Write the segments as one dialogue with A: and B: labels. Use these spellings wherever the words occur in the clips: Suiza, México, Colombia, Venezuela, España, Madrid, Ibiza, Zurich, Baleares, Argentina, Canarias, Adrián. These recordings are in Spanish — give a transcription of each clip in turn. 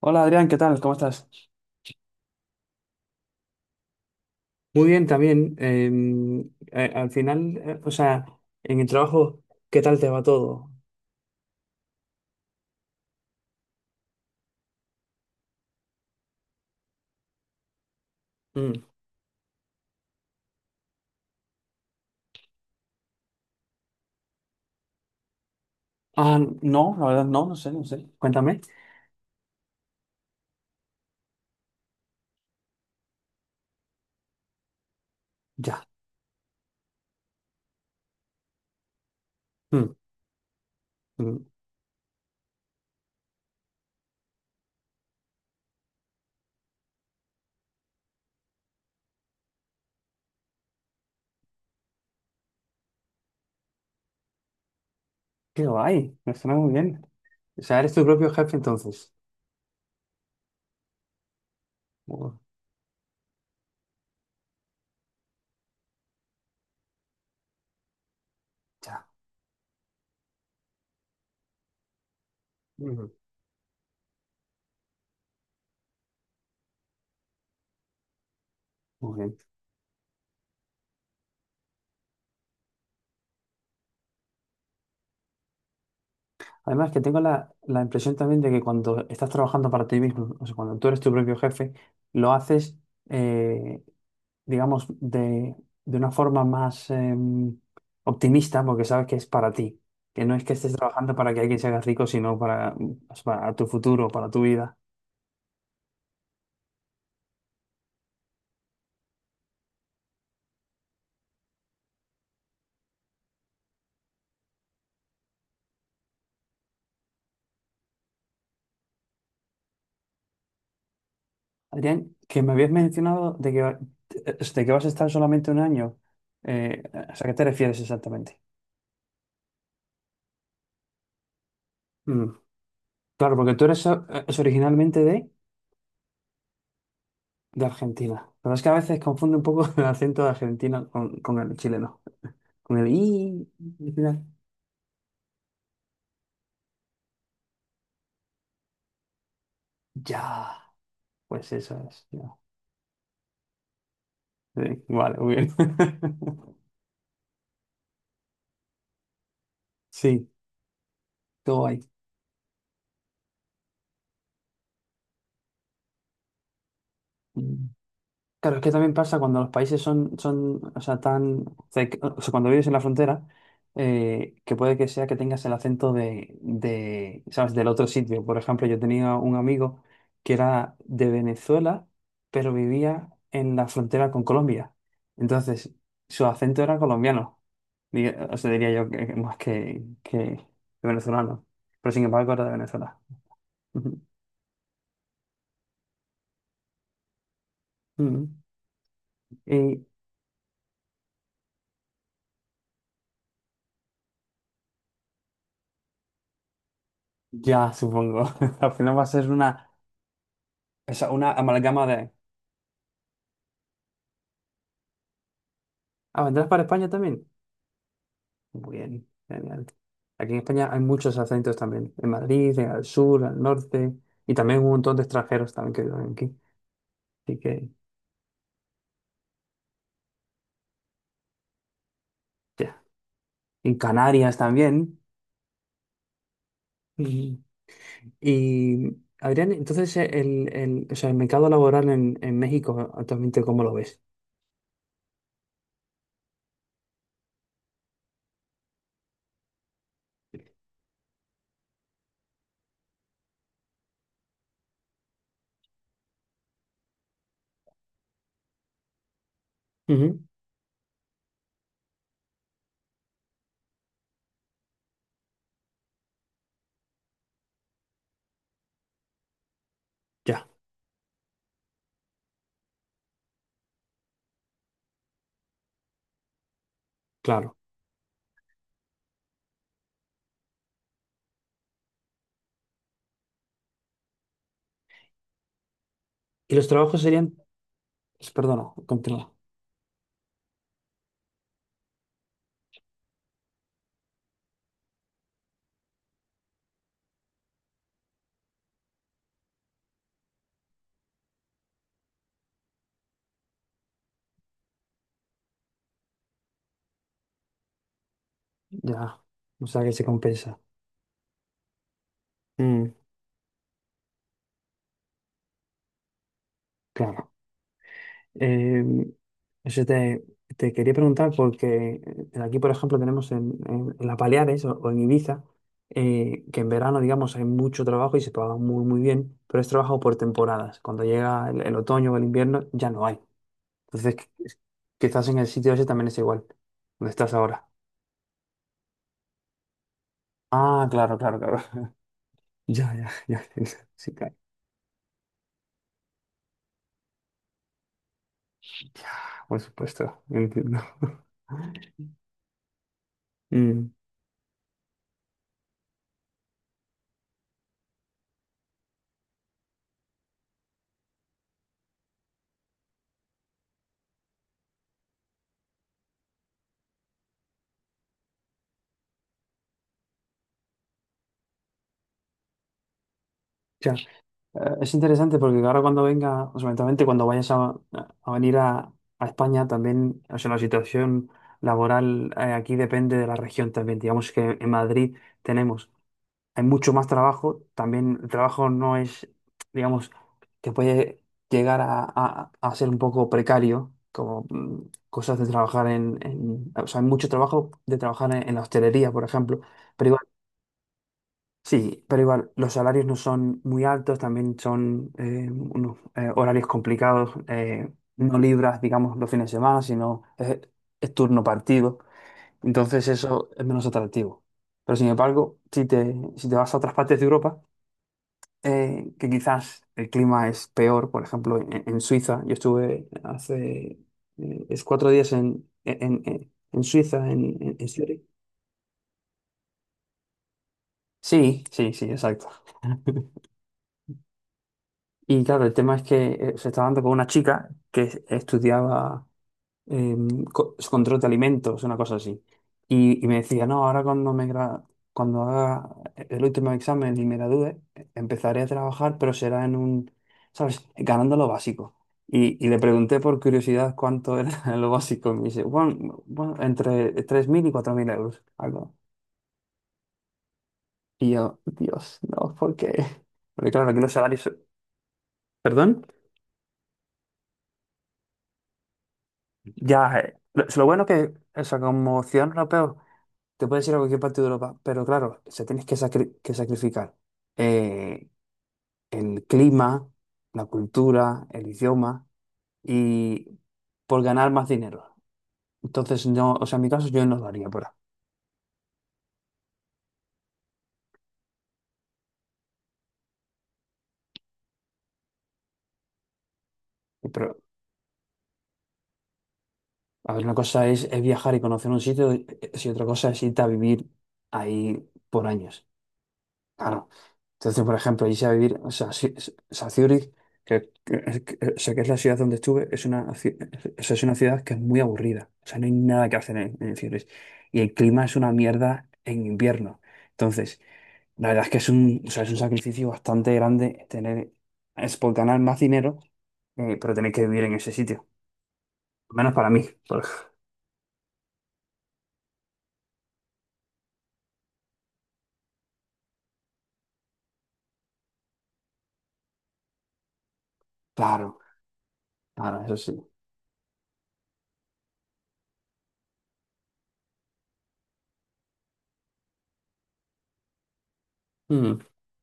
A: Hola Adrián, ¿qué tal? ¿Cómo estás? Muy bien, también. Al final, o sea, en el trabajo, ¿qué tal te va todo? Mm. Ah, no, la verdad no, no sé, no sé. Cuéntame. Ya. Mm, mm. Qué guay, me suena muy bien. O sea, eres tu propio jefe entonces. Oh. Ya. Mm, muy bien. Además que tengo la impresión también de que cuando estás trabajando para ti mismo, o sea, cuando tú eres tu propio jefe, lo haces, eh, digamos, de una forma más, optimista, porque sabes que es para ti, que no es que estés trabajando para que alguien se haga rico, sino para, pues, para tu futuro, para tu vida. Adrián, que me habías mencionado de que, de que vas a estar solamente un año. ¿A qué te refieres exactamente? Mm. Claro, porque tú eres, es originalmente de, Argentina. La verdad es que a veces confunde un poco el acento de Argentina con el chileno. Con el i al final. Ya, pues eso es. Sí, vale, muy bien. Sí, qué guay. Mm. Claro, es que también pasa cuando los países son, o sea, tan, o sea, cuando vives en la frontera, que puede que sea que tengas el acento ¿sabes? Del otro sitio. Por ejemplo, yo tenía un amigo que era de Venezuela, pero vivía en la frontera con Colombia. Entonces, su acento era colombiano. O sea, diría yo que más que venezolano. Pero sin embargo, era de Venezuela. Ujú. Ujú. Y ya, supongo. Al final va a ser una, una amalgama de. Ah, ¿vendrás para España también? Muy bien, genial. Aquí en España hay muchos acentos también. En Madrid, al sur, al norte. Y también un montón de extranjeros también que viven aquí. Así que, ya. En Canarias también. Y, y, Adrián, entonces, o sea, el mercado laboral en México actualmente, ¿cómo lo ves? Ujú. Ya, claro. Y los trabajos serían. Perdona, continúa. Ya. O sea, que se compensa. Mm, claro. Eh, Eso te quería preguntar porque, aquí, por ejemplo, tenemos en las Baleares, o en Ibiza, que en verano, digamos, hay mucho trabajo y se paga muy, muy bien, pero es trabajo por temporadas. Cuando llega el otoño o el invierno, ya no hay. Entonces, que estás en el sitio ese también es igual, donde estás ahora. Ah, claro, claro, claro. Ya, ya, ya. Entiendo. Sí, claro. Ya, por supuesto, entiendo. Mm. Ya. Es interesante porque ahora cuando venga, o sea, eventualmente cuando vayas a venir a España también. O sea, la situación laboral, aquí depende de la región también. Digamos que en Madrid tenemos, hay mucho más trabajo. También el trabajo no es, digamos, que puede llegar a ser un poco precario, como, cosas de trabajar o sea, hay mucho trabajo de trabajar en la hostelería, por ejemplo, pero. Sí, pero igual los salarios no son muy altos, también son, unos, horarios complicados. No libras, digamos, los fines de semana, sino es turno partido, entonces eso es menos atractivo. Pero sin embargo, si te vas a otras partes de Europa, que quizás el clima es peor. Por ejemplo, en Suiza, yo estuve hace, es 4 días en Suiza, en Zurich. Sí, sí, sí, exacto. Y claro, el tema es que, se estaba dando con una chica que estudiaba, eh, control de alimentos, una cosa así. Me decía, no, ahora cuando haga el último examen y me gradúe, empezaré a trabajar, pero será en un, ¿sabes? Ganando lo básico. Le pregunté por curiosidad cuánto era lo básico. Y me dice, bueno, bueno, entre 3.000 y 4.000 euros, algo. Y yo, Dios, no, ¿por qué? Porque claro, aquí los salarios. ¿Perdón? Ya, lo bueno que, o sea, como ciudadano europeo, te puedes ir a cualquier parte de Europa, pero claro, se tienes que, que sacrificar, eh, el clima, la cultura, el idioma, y por ganar más dinero. Entonces, no, o sea, en mi caso yo no lo haría por ahí. Pero, a ver, una cosa es viajar y conocer un sitio, y si otra cosa es irte a vivir ahí por años. Claro. Entonces, por ejemplo, irse a vivir, o sea, o sea, Zúrich, o sea, que es la ciudad donde estuve, es una, o sea, es una ciudad que es muy aburrida. O sea, no hay nada que hacer en Zúrich. Y el clima es una mierda en invierno. Entonces, la verdad es que es un, o sea, es un sacrificio bastante grande tener, es por ganar más dinero, pero tener que vivir en ese sitio. Al menos para mí. por- Claro, claro, eso sí. Mm. O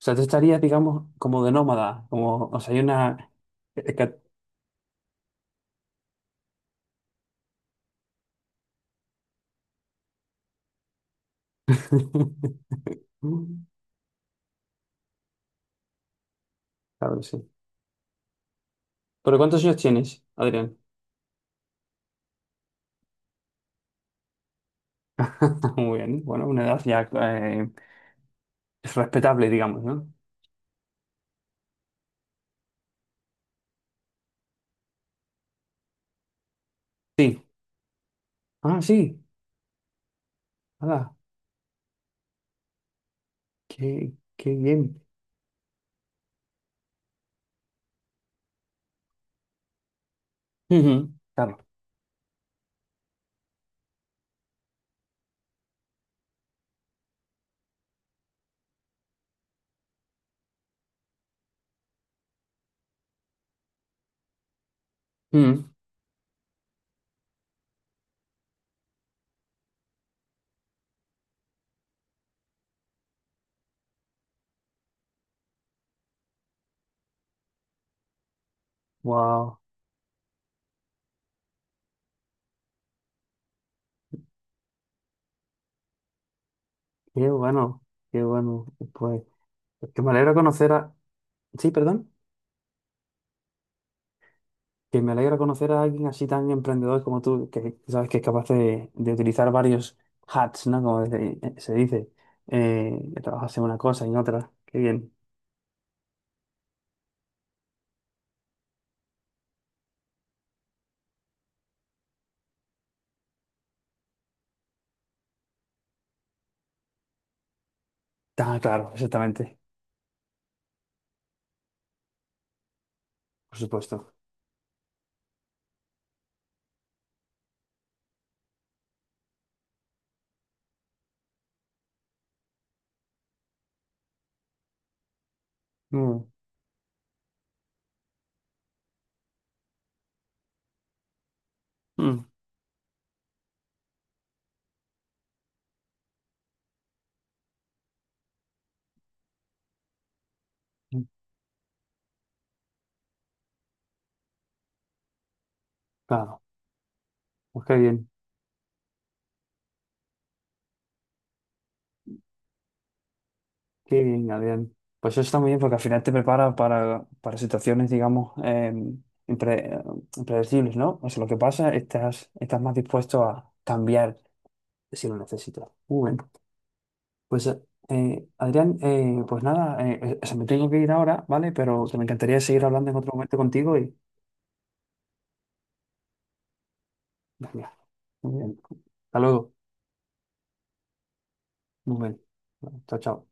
A: sea, tú estarías, digamos, como de nómada, como, o sea, hay una. Mm. Claro que sí. ¿Pero cuántos años tienes, Adrián? Muy bien. Bueno, una edad ya, es respetable, digamos, ¿no? Sí. Ah, sí. Hala. Qué bien. Ujú. Claro. Mm. Wow. Qué bueno. Qué bueno. Pues que me alegra conocer a. Sí, perdón. Que me alegra conocer a alguien así tan emprendedor como tú, que sabes que es capaz de utilizar varios hats, ¿no? Como se dice. Que trabajas en una cosa y en otra. Qué bien. Ah, claro, exactamente. Por supuesto. Mm, mm, mm. Claro, pues qué bien, Adrián. Pues eso está muy bien porque al final te prepara para situaciones, digamos, impre- eh, impredecibles, ¿no? O sea, lo que pasa, estás más dispuesto a cambiar si lo necesitas. Muy bien. Pues, Adrián, pues nada, o sea, me tengo que ir ahora, ¿vale? Pero me encantaría seguir hablando en otro momento contigo y. Venga, muy bien. Hasta luego. Muy bien. Chao, chao.